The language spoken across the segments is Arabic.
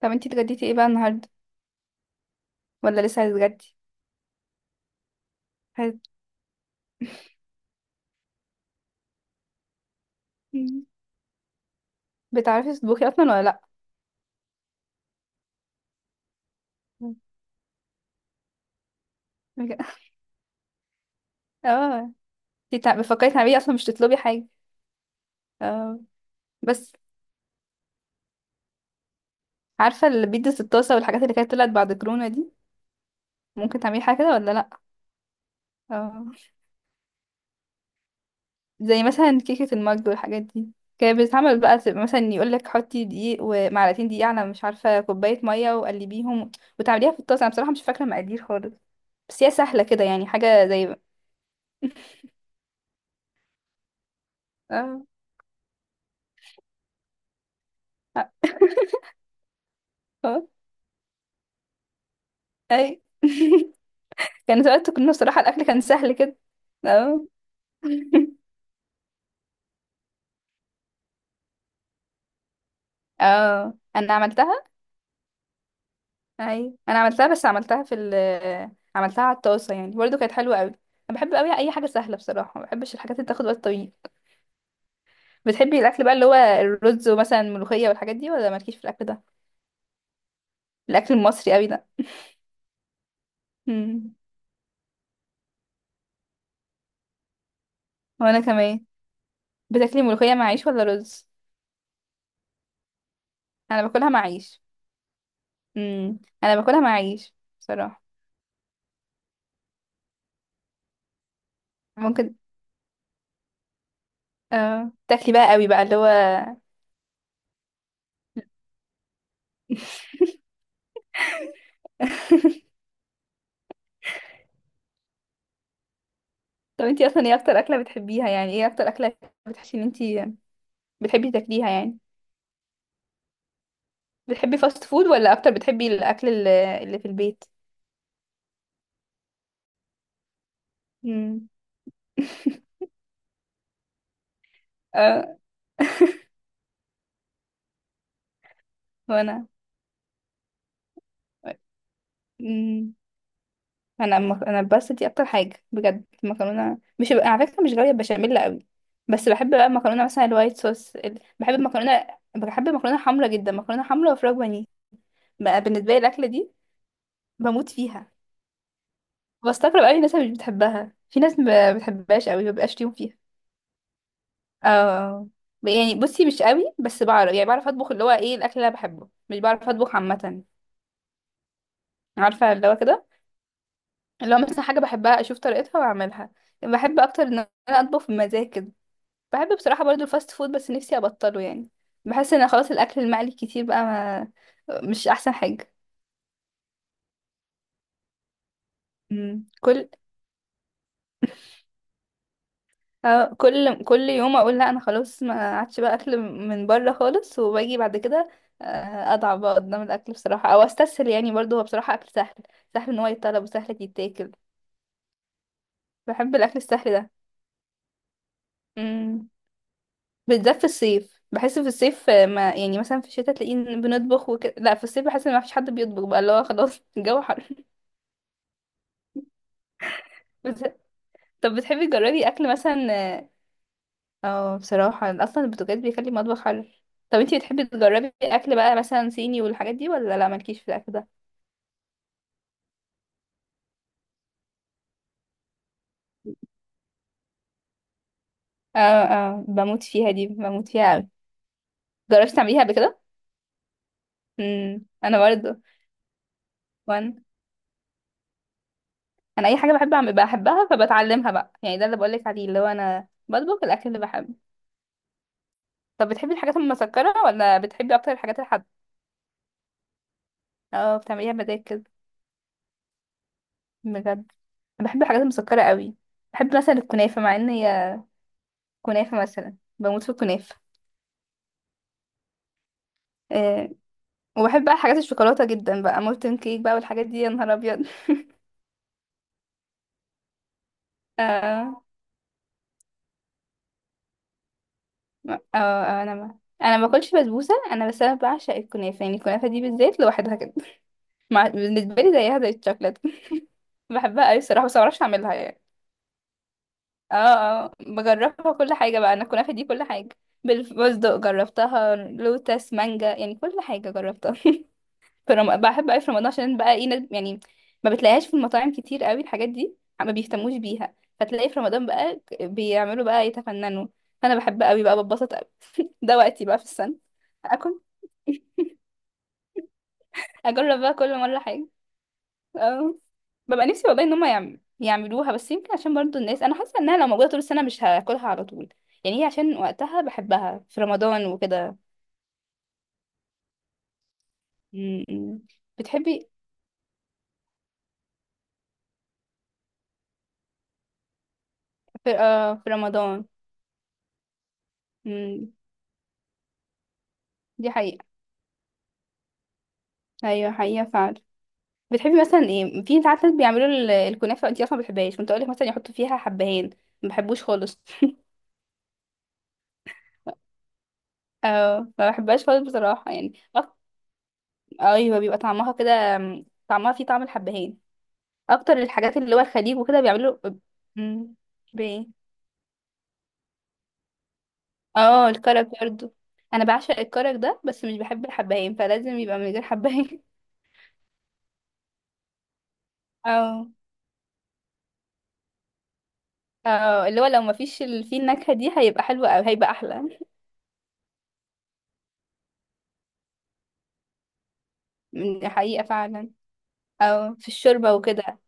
طب انتي اتغديتي ايه بقى النهارده؟ ولا لسه هتتغدي؟ هت... بتعرفي تطبخي اصلا ولا لا؟ بج- اه انتي بتفكري تعملي اصلا مش تطلبي حاجه؟ اه، بس عارفه البيتزا الطاسه والحاجات اللي كانت طلعت بعد كورونا دي؟ ممكن تعملي حاجه كده ولا لا؟ اه، زي مثلا كيكه المج والحاجات دي كانت بتتعمل بقى، تبقى مثلا يقولك حطي دقيق ومعلقتين دقيق على مش عارفه كوبايه ميه وقلبيهم وتعمليها في الطاسه. انا بصراحه مش فاكره مقادير خالص، بس هي سهله كده، يعني حاجه زي. اه. اه، اي. كان وقت كنا بصراحة الأكل كان سهل كده. اه. اه، أنا عملتها. أيوة أنا عملتها، بس عملتها في ال، عملتها على الطاسة، يعني برضه كانت حلوة أوي. أنا بحب أوي أي حاجة سهلة بصراحة، ما بحبش الحاجات اللي تاخد وقت طويل. بتحبي الأكل بقى اللي هو الرز ومثلا الملوخية والحاجات دي، ولا مالكيش في الأكل ده؟ الأكل المصري أوي ده؟ مم. وأنا كمان. بتاكلي ملوخية مع عيش ولا رز؟ أنا باكلها مع عيش. أنا باكلها مع عيش بصراحة. ممكن. اه، تاكلي بقى أوي بقى اللي هو. طب انتي اصلا ايه اكتر اكله بتحبيها؟ يعني ايه اكتر اكله بتحسي ان انتي بتحبي تاكليها يعني؟ بتحبي فاست فود ولا اكتر بتحبي الاكل اللي في البيت؟ امم. اه، وانا. امم. انا بس دي اكتر حاجه بجد، المكرونه. مش على فكره مش غاويه بشاميل قوي، بس بحب بقى المكرونه مثلا الوايت صوص بحب المكرونه. بحب المكرونه حمرا جدا، مكرونه حمرا وفراخ بانيه. بقى بالنسبه لي الاكله دي بموت فيها. بستغرب قوي الناس اللي مش بتحبها، في ناس ما بتحبهاش قوي، ما بقاش ليهم فيها. اه، يعني بصي مش قوي، بس بعرف. يعني بعرف اطبخ اللي هو ايه الاكل اللي انا بحبه، مش بعرف اطبخ عامه. عارفه اللي هو كده، اللي هو مثلا حاجه بحبها اشوف طريقتها واعملها. بحب اكتر ان انا اطبخ بمزاج كده. بحب بصراحه برضو الفاست فود، بس نفسي ابطله يعني. بحس ان خلاص الاكل المقلي كتير بقى، ما مش احسن حاجه. كل. اه، كل كل يوم اقول لا انا خلاص ما عادش بقى اكل من بره خالص، وباجي بعد كده اضعف بقى قدام الاكل بصراحه، او استسهل. يعني برضو هو بصراحه اكل سهل، سهل ان هو يتطلب وسهل يتاكل. بحب الاكل السهل ده. امم، بالذات في الصيف بحس في الصيف ما يعني. مثلا في الشتاء تلاقيه إن بنطبخ وكده، لا في الصيف بحس ان ما فيش حد بيطبخ بقى، اللي هو خلاص. الجو حر. بس- طب بتحبي تجربي اكل مثلا. اه، بصراحة اصلا البرتقال بيخلي المطبخ حلو. طب انتي بتحبي تجربي اكل بقى مثلا صيني والحاجات دي، ولا لا مالكيش في الاكل ده؟ اه، اه، بموت فيها دي، بموت فيها اوي. جربتي تعمليها قبل كده؟ امم، انا برضه. وانا. انا اي حاجة بحب اعمل بحبها فبتعلمها بقى، يعني ده اللي بقولك عليه، اللي هو انا بطبخ الاكل اللي بحبه. طب بتحبي الحاجات المسكرة ولا بتحبي اكتر الحاجات الحادقة؟ اه، بتعمليها بمزاج كده بجد. أنا بحب الحاجات المسكرة قوي. بحب مثلا الكنافة، مع ان هي. كنافة مثلا، بموت في الكنافة. آه، وبحب بقى حاجات الشوكولاته جدا بقى، مولتن كيك بقى والحاجات دي يا نهار ابيض. آه آه، انا ما باكلش بسبوسه، انا بس انا بعشق الكنافه. يعني الكنافه دي بالذات لوحدها كده، بالنسبه لي زيها زي الشوكولاته. بحبها قوي الصراحه، بس ما بعرفش اعملها يعني. اه، اه، بجربها كل حاجه بقى، انا الكنافه دي كل حاجه. بالفستق جربتها، لوتس، مانجا، يعني كل حاجه جربتها. بحب قوي في رمضان، عشان بقى ايه يعني ما بتلاقيهاش في المطاعم كتير قوي، الحاجات دي ما بيهتموش بيها، فتلاقي في رمضان بقى بيعملوا بقى يتفننوا. انا بحب قوي بقى، بتبسط قوي. ده وقتي بقى في السنة. اكل. اجرب بقى كل مرة حاجة. اه، ببقى نفسي والله ان هم يعملوها، بس يمكن عشان برضو الناس. انا حاسة انها لو موجودة طول السنة مش هاكلها على طول، يعني هي عشان وقتها بحبها في رمضان وكده. م- م. بتحبي في، آه في رمضان. م. دي حقيقة. ايوه حقيقة فعلا. بتحبي مثلا ايه، في ساعات ناس بيعملوا الكنافه، انتي اصلا ما بتحبهاش، كنت اقول لك مثلا يحطوا فيها حبهان، ما بحبوش خالص. اه، ما بحبهاش خالص بصراحه، يعني ايوه بيبقى طعمها كده م، طعمها فيه طعم الحبهان. اكتر الحاجات اللي هو الخليج وكده بيعملوا. امم. بايه. اه، الكرك برضه. انا بعشق الكرك ده، بس مش بحب الحبهان، فلازم يبقى من غير حبهان. اه، اه، اللي هو لو ما فيش فيه النكهه دي هيبقى حلو أوي، هيبقى احلى. م، حقيقه فعلا. اه، في الشوربه وكده.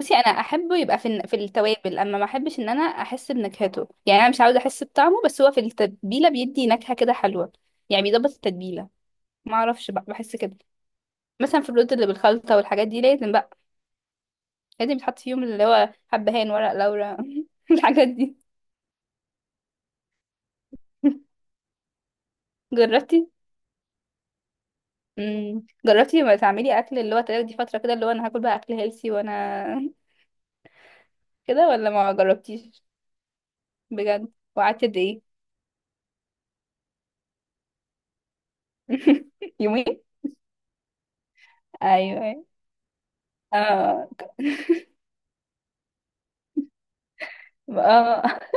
بصي انا احبه يبقى في في التوابل، اما ما احبش ان انا احس بنكهته. يعني انا مش عاوزه احس بطعمه، بس هو في التتبيله بيدي نكهه كده حلوه، يعني بيظبط التتبيله. ما اعرفش بقى، بحس كده. مثلا في الرز اللي بالخلطه والحاجات دي لازم بقى، لازم يتحط فيهم اللي هو حبهان، ورق لورا. الحاجات دي. جربتي. امم، جربتي ما تعملي اكل اللي هو تاخدي فتره كده اللي هو انا هاكل بقى اكل هيلسي وانا. كده، ولا ما جربتيش؟ بجد، وقعدت قد ايه؟ يومين. ايوه. اه، اه،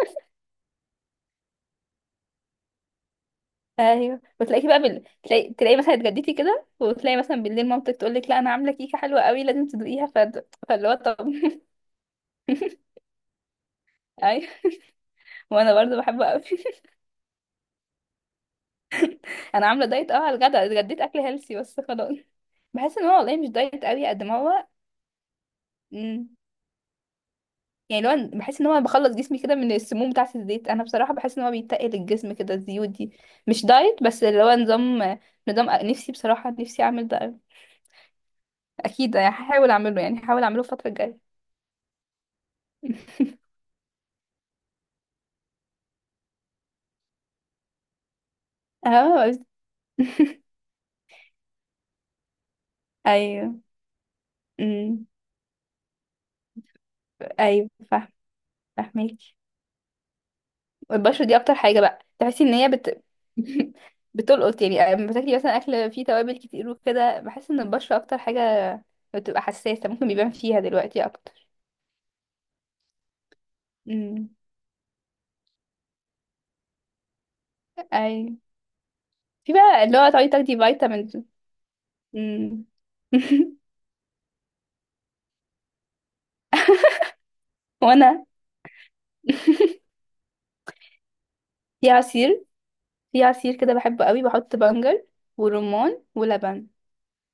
ايوه. وتلاقيكي بقى تلاقي، مثلا اتغديتي كده، وتلاقي مثلا بالليل مامتك تقول لك لا انا عامله كيكه حلوه قوي لازم تدوقيها، فاللي هو طب. ايوه، وانا برضه بحبه قوي. انا عامله دايت. اه، على الغدا اتغديت اكل هيلسي بس خلاص. بحس ان هو والله مش دايت قوي قد ما هو. مم، يعني لو أنا بحس ان هو بخلص جسمي كده من السموم بتاعه الزيت. انا بصراحه بحس ان هو بيتقل الجسم كده الزيوت دي. مش دايت، بس اللي هو نظام. نظام نفسي بصراحه، نفسي اعمل ده قوي. اكيد يعني هحاول اعمله، يعني هحاول اعمله الفتره الجايه. اه. ايوه. امم. ايوه فاهم. فاهمك. البشرة دي اكتر حاجة بقى، تحسي ان هي بت. بتلقط، يعني لما بتاكلي مثلا اكل فيه توابل كتير وكده بحس ان البشرة اكتر حاجة بتبقى حساسة، ممكن بيبان فيها دلوقتي اكتر. امم. ايوه. في بقى اللي هو تقعدي تاخدي فيتامينز. امم. وانا في عصير، في عصير كده بحبه قوي، بحط بنجر ورمان ولبن.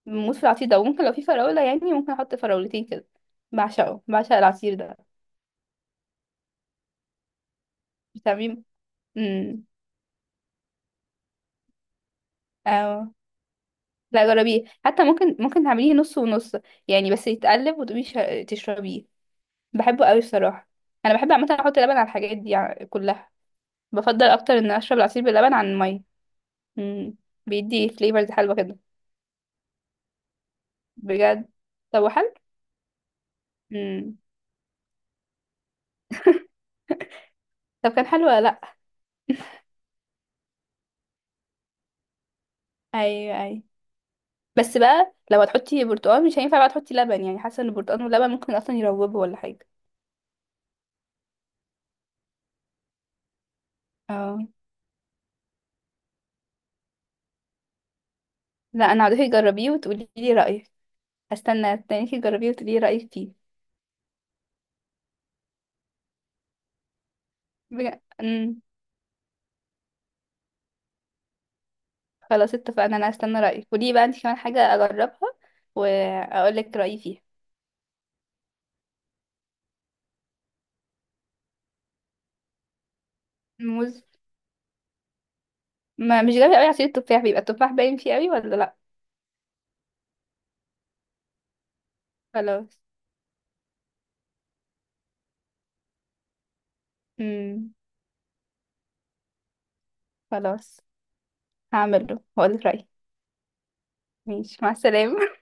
بموت في العصير ده. وممكن لو في فراولة يعني ممكن احط فراولتين كده. بعشقه، بعشق العصير ده. بتعمليه؟ امم. اه، لا جربيه حتى، ممكن ممكن تعمليه نص ونص، يعني بس يتقلب وتقومي تشربيه. بحبه قوي الصراحة. انا بحب عامة احط لبن على الحاجات دي كلها. بفضل اكتر ان اشرب العصير باللبن عن المية. امم. بيدي فليفرز حلوة كده بجد. طب حلو. امم. طب كان حلو ولا لا؟ ايوه، ايوه. بس بقى لو هتحطي برتقال، مش هينفع بقى تحطي لبن، يعني حاسه ان البرتقال واللبن ممكن اصلا يروبوا ولا حاجه. اه، لا انا هدوقي، جربيه وتقولي لي رايك. هستنى استناكي تجربيه وتقولي لي رايك فيه. أمم، خلاص اتفقنا. انا هستنى رايك، قولي بقى انت كمان حاجه اجربها واقول لك رايي فيها. موز. ما مش جايبه قوي، عصير التفاح بيبقى التفاح باين فيه قوي ولا لا؟ خلاص. امم. خلاص هعمله واقول لك رايي. ماشي، مع السلامه.